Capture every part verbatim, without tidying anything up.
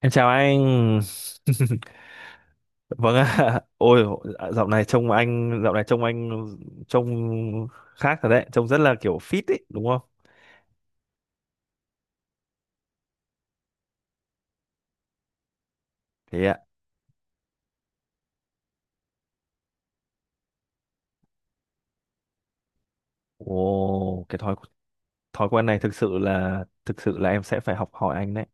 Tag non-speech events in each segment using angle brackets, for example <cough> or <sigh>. Em chào anh. <laughs> Vâng ạ. Ôi, dạo này trông anh, dạo này trông anh trông khác thật đấy, trông rất là kiểu fit ấy, đúng không? Thế ạ. Ồ, cái thói thói quen này thực sự là thực sự là em sẽ phải học hỏi anh đấy.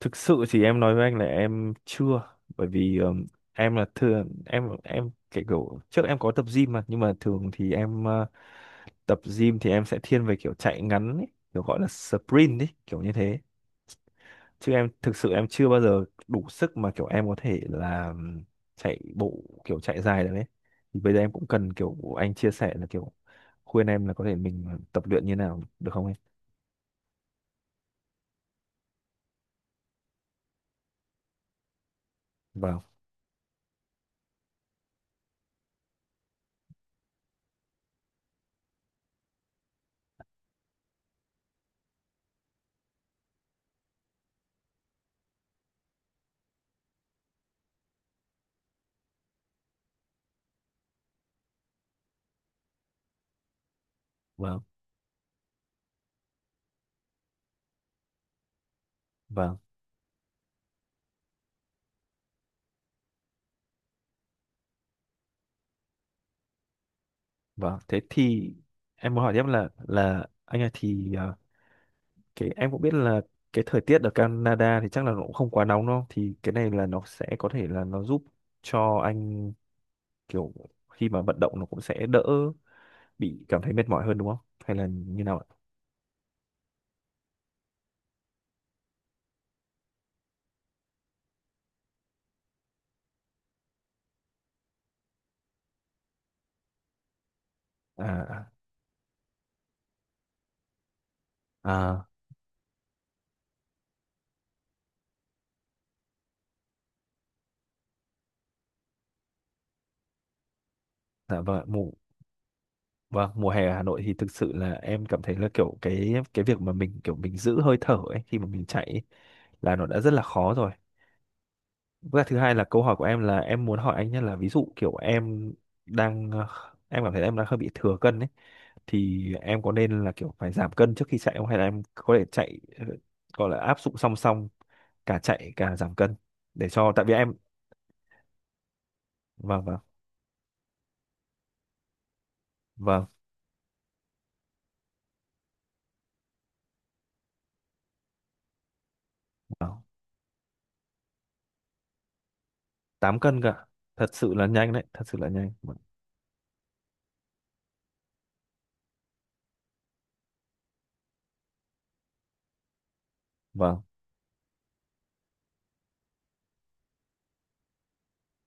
Thực sự thì em nói với anh là em chưa, bởi vì ừm, em là thường em em cái kiểu trước em có tập gym mà, nhưng mà thường thì em ờ, tập gym thì em sẽ thiên về kiểu chạy ngắn ấy, kiểu gọi là sprint ấy, kiểu như thế chứ em thực sự em chưa bao giờ đủ sức mà kiểu em có thể là chạy bộ kiểu chạy dài được ấy thì bây giờ em cũng cần kiểu anh chia sẻ là kiểu khuyên em là có thể mình tập luyện như nào được không em. Vâng, vâng, vâng, vâng. Thế thì em muốn hỏi tiếp là là anh ơi thì à, cái em cũng biết là cái thời tiết ở Canada thì chắc là nó cũng không quá nóng đâu thì cái này là nó sẽ có thể là nó giúp cho anh kiểu khi mà vận động nó cũng sẽ đỡ bị cảm thấy mệt mỏi hơn đúng không hay là như nào ạ? À, à, dạ vâng, ạ, mùa vâng, mùa hè ở Hà Nội thì thực sự là em cảm thấy là kiểu cái cái việc mà mình kiểu mình giữ hơi thở ấy khi mà mình chạy ấy, là nó đã rất là khó rồi. Và thứ hai là câu hỏi của em là em muốn hỏi anh nhé là ví dụ kiểu em đang ờ, em cảm thấy em đang hơi bị thừa cân ấy thì em có nên là kiểu phải giảm cân trước khi chạy không hay là em có thể chạy ờ, gọi là áp dụng song song cả chạy cả giảm cân để cho tại vì em. Vâng, vâng, vâng, vâng. Tám cân cả, thật sự là nhanh đấy, thật sự là nhanh. Vâng,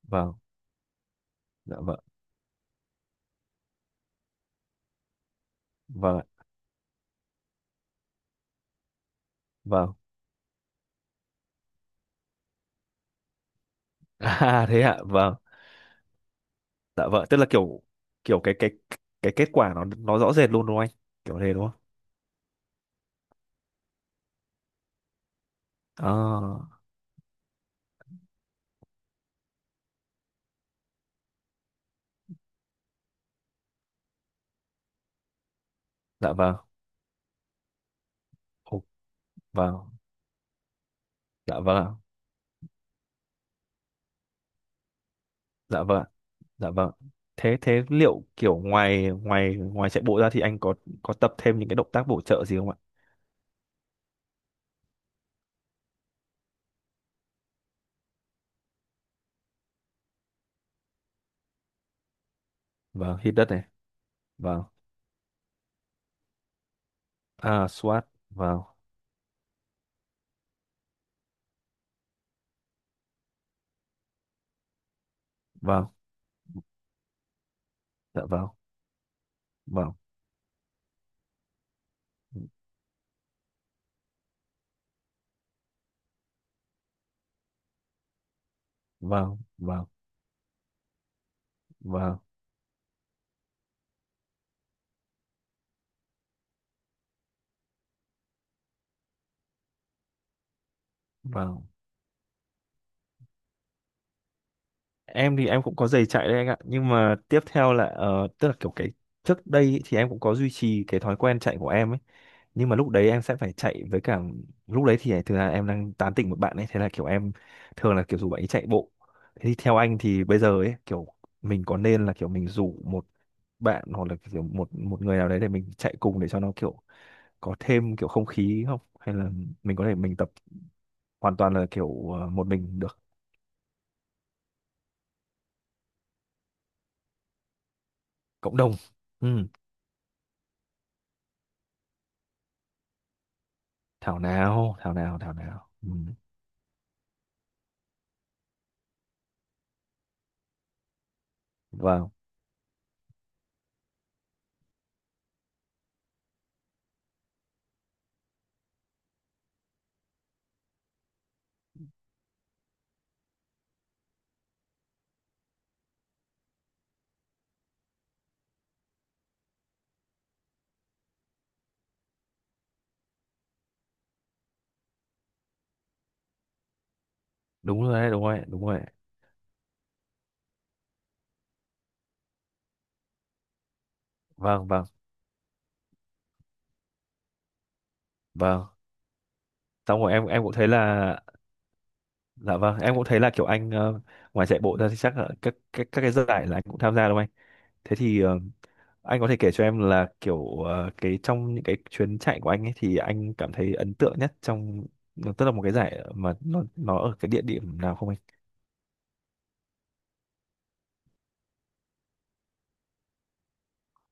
vâng, dạ vâng, vâng ạ, vâng. <laughs> À thế ạ, vâng, dạ vâng tức là kiểu kiểu cái cái cái kết quả nó nó rõ rệt luôn đúng không anh, kiểu thế đúng không? À, dạ vâng. Ồ, vâng, dạ vâng ạ, dạ vâng ạ, dạ vâng. Thế thế liệu kiểu ngoài ngoài ngoài chạy bộ ra thì anh có có tập thêm những cái động tác bổ trợ gì không ạ? Vâng, hít đất này. Vâng, à squat vâng. Vâng, dạ vâng, vâng, vâng, vâng, vâng, vâng. Em thì em cũng có giày chạy đấy anh ạ, nhưng mà tiếp theo là ờ, tức là kiểu cái trước đây ý, thì em cũng có duy trì cái thói quen chạy của em ấy, nhưng mà lúc đấy em sẽ phải chạy với cả lúc đấy thì thường là em đang tán tỉnh một bạn ấy, thế là kiểu em thường là kiểu rủ bạn ấy chạy bộ. Thế thì theo anh thì bây giờ ấy kiểu mình có nên là kiểu mình rủ một bạn hoặc là kiểu một một người nào đấy để mình chạy cùng để cho nó kiểu có thêm kiểu không khí không, hay là mình có thể mình tập hoàn toàn là kiểu ờ, một mình được. Cộng đồng, ừ, thảo nào thảo nào thảo nào, ừ. Vâng, đúng rồi đấy, đúng rồi đấy, đúng rồi đấy. Vâng, vâng, vâng. Xong rồi em em cũng thấy là dạ vâng em cũng thấy là kiểu anh ờ, ngoài chạy bộ ra thì chắc là các các các cái giải là anh cũng tham gia đúng không anh? Thế thì ờ, anh có thể kể cho em là kiểu ờ, cái trong những cái chuyến chạy của anh ấy thì anh cảm thấy ấn tượng nhất trong tức là một cái giải mà nó nó ở cái địa điểm nào không anh?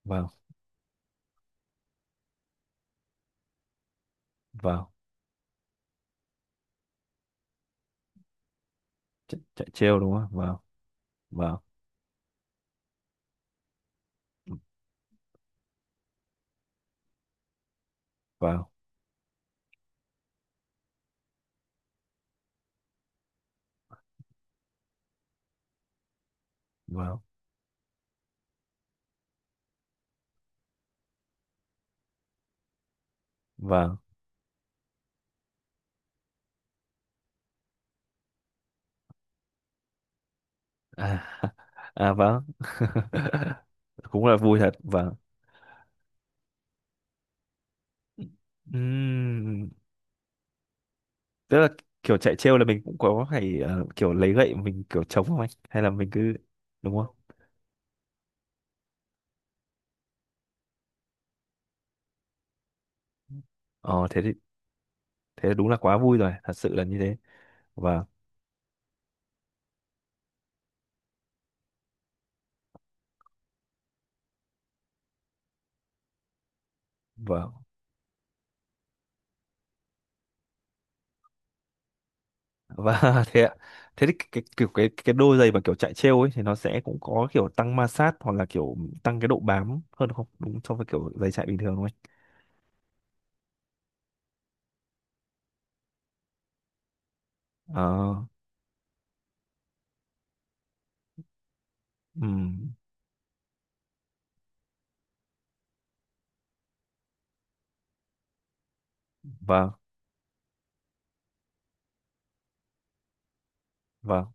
Vâng, vâng, chạy, chạy trail đúng không vâng, vâng, vâng, vâng, vâng, à, à vâng. <laughs> Cũng là vui thật vâng. Ừm, tức là kiểu chạy trêu là mình cũng có phải ờ, kiểu lấy gậy mình kiểu chống không anh hay là mình cứ đúng không. Ờ thế thì thế đúng là quá vui rồi thật sự là như thế. Và và và <laughs> thế ạ. Thế thì cái, cái kiểu cái cái đôi giày mà kiểu chạy trêu ấy thì nó sẽ cũng có kiểu tăng ma sát hoặc là kiểu tăng cái độ bám hơn không đúng so với kiểu giày chạy bình thường đúng không anh? Ờ, ừm, vâng, vâng.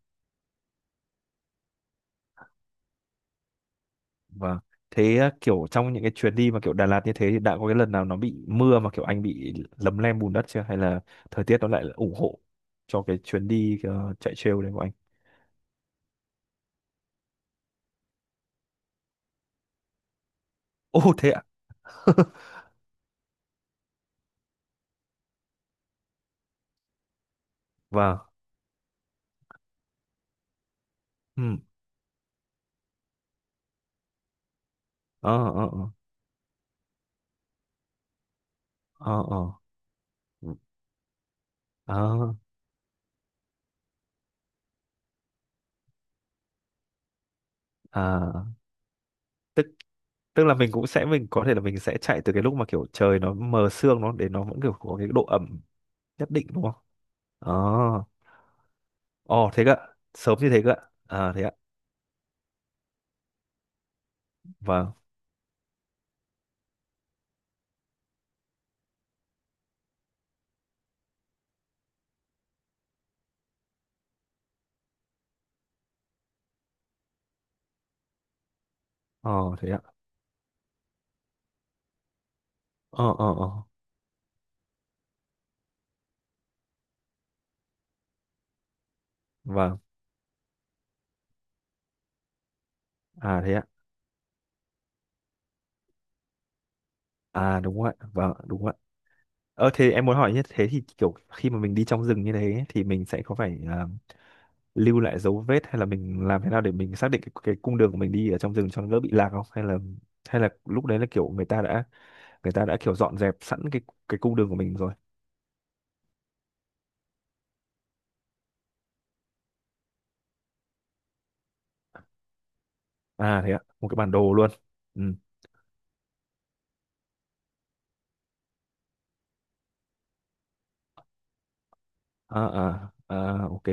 Vâng. Thế à, kiểu trong những cái chuyến đi mà kiểu Đà Lạt như thế thì đã có cái lần nào nó bị mưa mà kiểu anh bị lấm lem bùn đất chưa? Hay là thời tiết nó lại ủng hộ cho cái chuyến đi ờ, chạy trail đấy của anh? Ô thế ạ? Vâng. Ừ. Ờ ờ ờ ờ ờ. Ừ. Ờ, à. Tức Tức là mình cũng sẽ mình có thể là mình sẽ chạy từ cái lúc mà kiểu trời nó mờ sương nó để nó vẫn kiểu có cái độ ẩm nhất định đúng không? Ờ. Ồ thế cơ. Ạ. Sớm như thế cơ. Ạ. À thế ạ. Vâng. Ờ thế ạ. Ờ ờ ờ. Vâng. À thế ạ. À đúng ạ, vâng, đúng ạ. Ờ thế em muốn hỏi như thế thì kiểu khi mà mình đi trong rừng như thế thì mình sẽ có phải à, lưu lại dấu vết hay là mình làm thế nào để mình xác định cái, cái cung đường của mình đi ở trong rừng cho nó đỡ bị lạc không? Hay là hay là lúc đấy là kiểu người ta đã người ta đã kiểu dọn dẹp sẵn cái cái cung đường của mình rồi. À thế ạ, một cái bản đồ luôn. Ừ. À à à ok.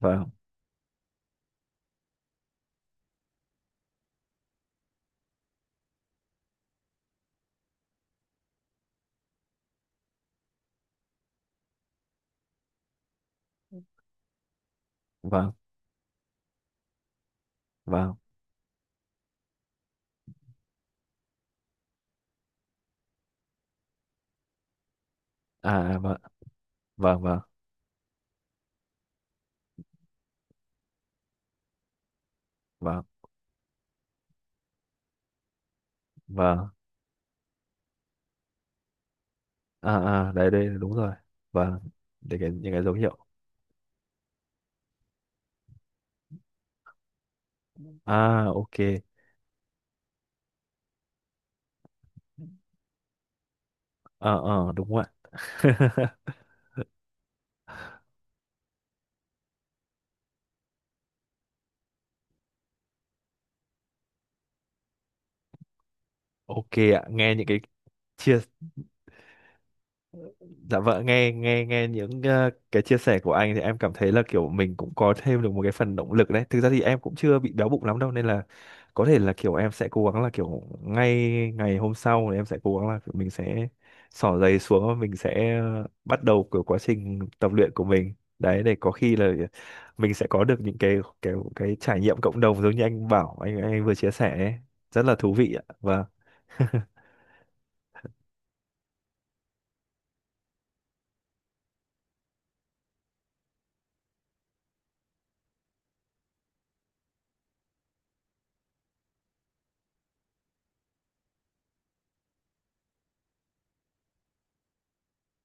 Vâng, vâng, vâng. À à, vâng, vâng, vâng, vâng, vâng. À à đây đây đúng rồi. Vâng. Để cái những cái dấu hiệu. À ok. Ờ ờ đúng rồi ạ. <laughs> Ok ạ, nghe những cái chia dạ vợ nghe nghe nghe những ờ, cái chia sẻ của anh thì em cảm thấy là kiểu mình cũng có thêm được một cái phần động lực đấy, thực ra thì em cũng chưa bị béo bụng lắm đâu nên là có thể là kiểu em sẽ cố gắng là kiểu ngay ngày hôm sau thì em sẽ cố gắng là kiểu mình sẽ xỏ giày xuống và mình sẽ ờ, bắt đầu kiểu quá trình tập luyện của mình đấy để có khi là mình sẽ có được những cái cái cái trải nghiệm cộng đồng giống như anh bảo anh anh vừa chia sẻ ấy. Rất là thú vị ạ, vâng,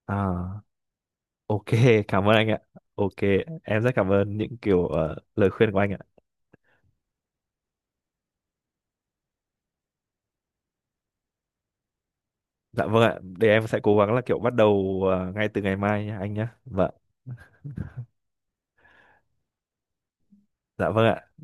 à. Ok, cảm ơn anh ạ. Ok, em rất cảm ơn những kiểu ờ, lời khuyên của anh ạ. Dạ vâng ạ, để em sẽ cố gắng là kiểu bắt đầu ờ, ngay từ ngày mai nhé anh nhé. Vâng, dạ vâng ạ.